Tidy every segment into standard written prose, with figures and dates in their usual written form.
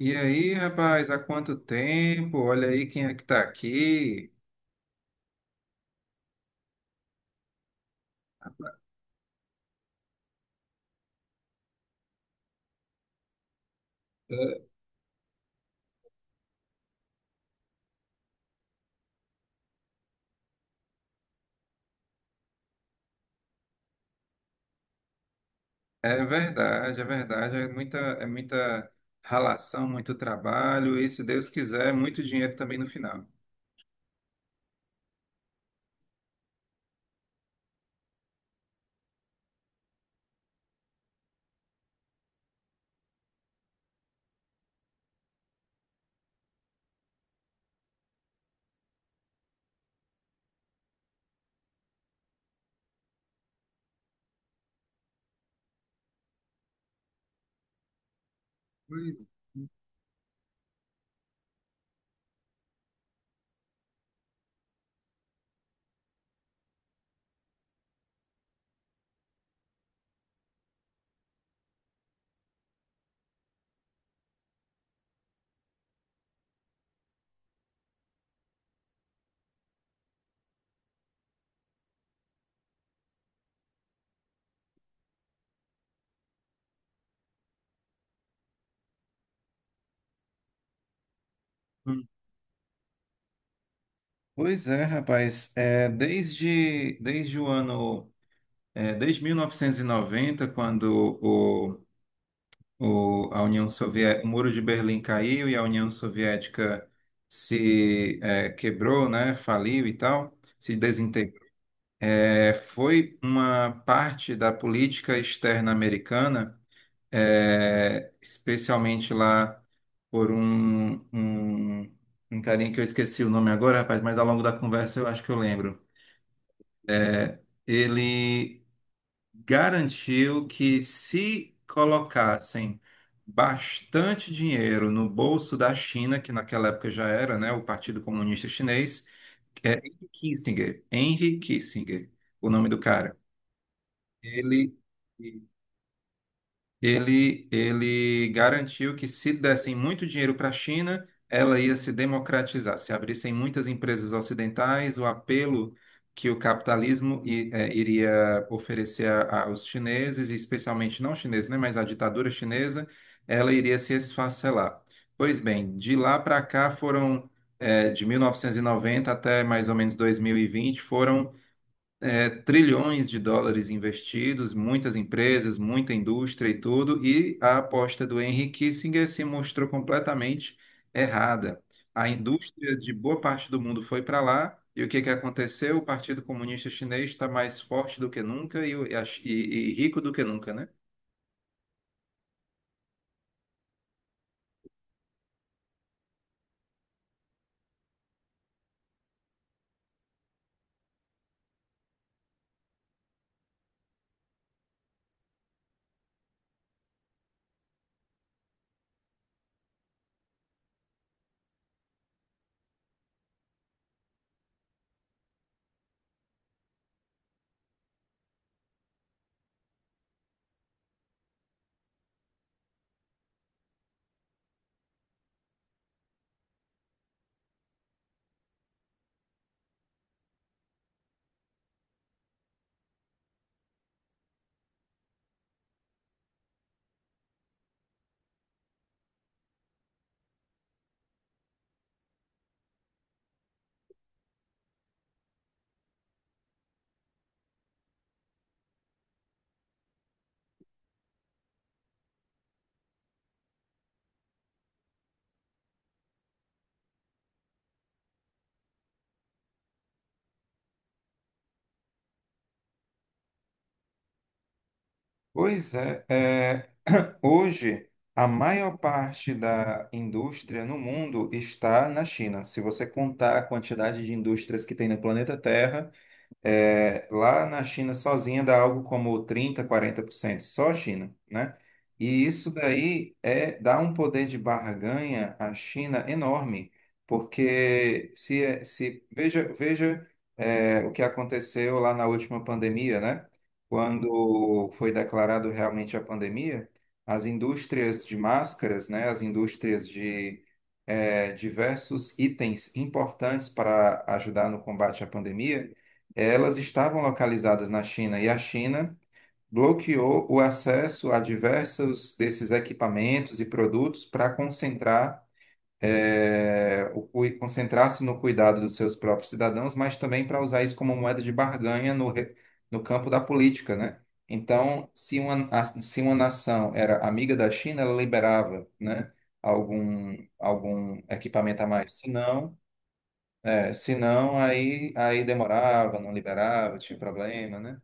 E aí, rapaz, há quanto tempo? Olha aí quem é que tá aqui. É é verdade, é verdade. É muita ralação, muito trabalho e, se Deus quiser, muito dinheiro também no final. Pois, hum. Pois é, rapaz. É, desde o ano, é, desde 1990, quando a União Soviética, o Muro de Berlim caiu e a União Soviética se quebrou, né? Faliu e tal, se desintegrou. É, foi uma parte da política externa americana, especialmente lá por um carinha que eu esqueci o nome agora, rapaz, mas ao longo da conversa eu acho que eu lembro. É, ele garantiu que se colocassem bastante dinheiro no bolso da China, que naquela época já era, né, o Partido Comunista Chinês, Henry Kissinger, Henry Kissinger, o nome do cara. Ele, ele, ele garantiu que se dessem muito dinheiro para a China, ela ia se democratizar. Se abrissem muitas empresas ocidentais, o apelo que o capitalismo iria oferecer aos chineses, e especialmente não chineses, né, mas à ditadura chinesa, ela iria se esfacelar. Pois bem, de lá para cá foram, de 1990 até mais ou menos 2020 foram trilhões de dólares investidos, muitas empresas, muita indústria e tudo, e a aposta do Henry Kissinger se mostrou completamente errada. A indústria de boa parte do mundo foi para lá, e o que que aconteceu? O Partido Comunista Chinês está mais forte do que nunca e, e rico do que nunca, né? Pois é, hoje a maior parte da indústria no mundo está na China. Se você contar a quantidade de indústrias que tem no planeta Terra, lá na China sozinha dá algo como 30, 40% só a China, né? E isso daí dá um poder de barganha à China enorme, porque se, é, se veja o que aconteceu lá na última pandemia, né? Quando foi declarado realmente a pandemia, as indústrias de máscaras, né? As indústrias de diversos itens importantes para ajudar no combate à pandemia elas estavam localizadas na China, e a China bloqueou o acesso a diversos desses equipamentos e produtos para concentrar, concentrar-se no cuidado dos seus próprios cidadãos, mas também para usar isso como moeda de barganha no campo da política, né? Então, se uma nação era amiga da China, ela liberava, né, algum equipamento a mais. Se não, senão aí demorava, não liberava, tinha problema, né?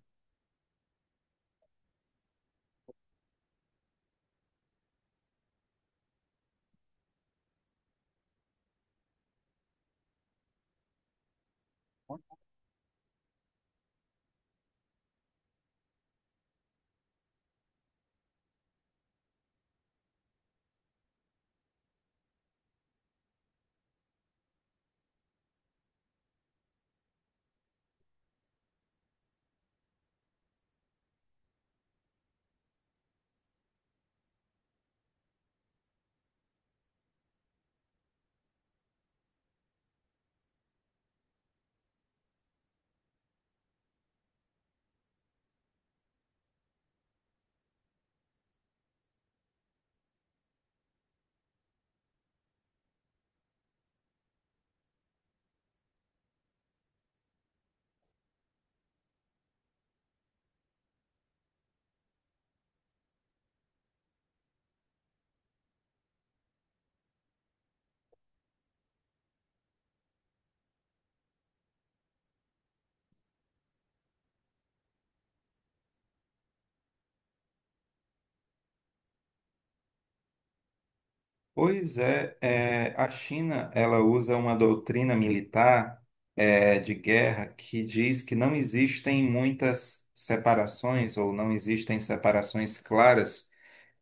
Pois é, a China ela usa uma doutrina militar de guerra que diz que não existem muitas separações ou não existem separações claras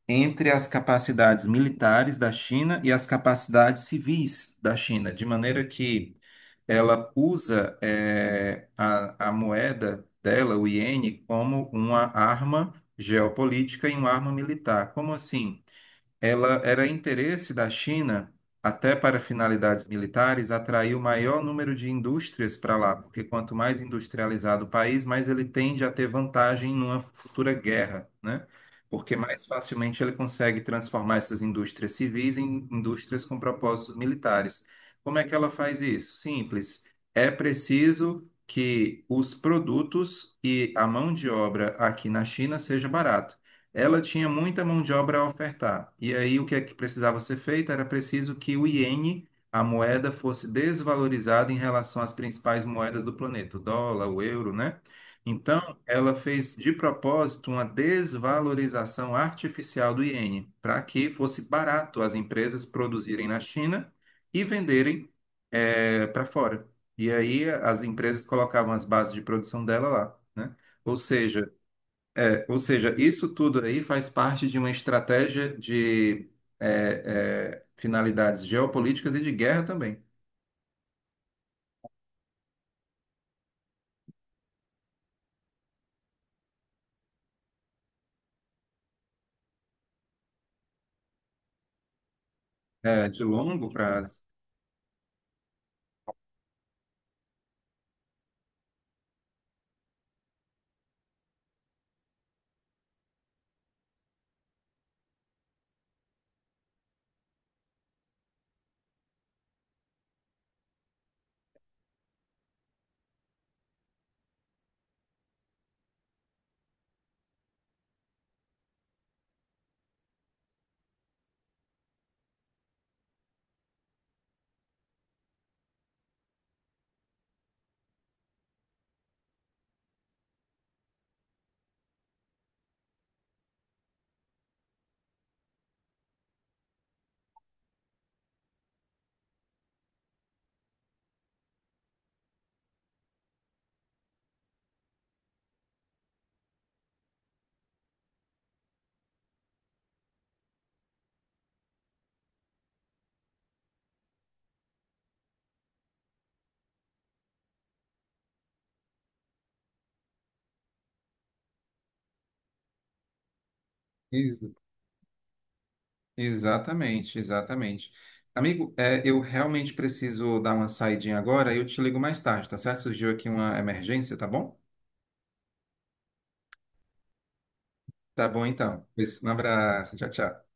entre as capacidades militares da China e as capacidades civis da China, de maneira que ela usa a moeda dela, o iene, como uma arma geopolítica e uma arma militar. Como assim? Ela era interesse da China, até para finalidades militares, atrair o maior número de indústrias para lá, porque quanto mais industrializado o país, mais ele tende a ter vantagem numa futura guerra, né? Porque mais facilmente ele consegue transformar essas indústrias civis em indústrias com propósitos militares. Como é que ela faz isso? Simples. É preciso que os produtos e a mão de obra aqui na China seja barata, ela tinha muita mão de obra a ofertar. E aí o que é que precisava ser feito? Era preciso que o iene, a moeda, fosse desvalorizada em relação às principais moedas do planeta, o dólar, o euro, né? Então, ela fez de propósito uma desvalorização artificial do iene, para que fosse barato as empresas produzirem na China e venderem para fora. E aí as empresas colocavam as bases de produção dela lá, né? Ou seja, ou seja, isso tudo aí faz parte de uma estratégia de finalidades geopolíticas e de guerra também, de longo prazo. Ex- Exatamente, exatamente. Amigo, eu realmente preciso dar uma saidinha agora e eu te ligo mais tarde, tá certo? Surgiu aqui uma emergência, tá bom? Tá bom então. Pois, um abraço, tchau, tchau.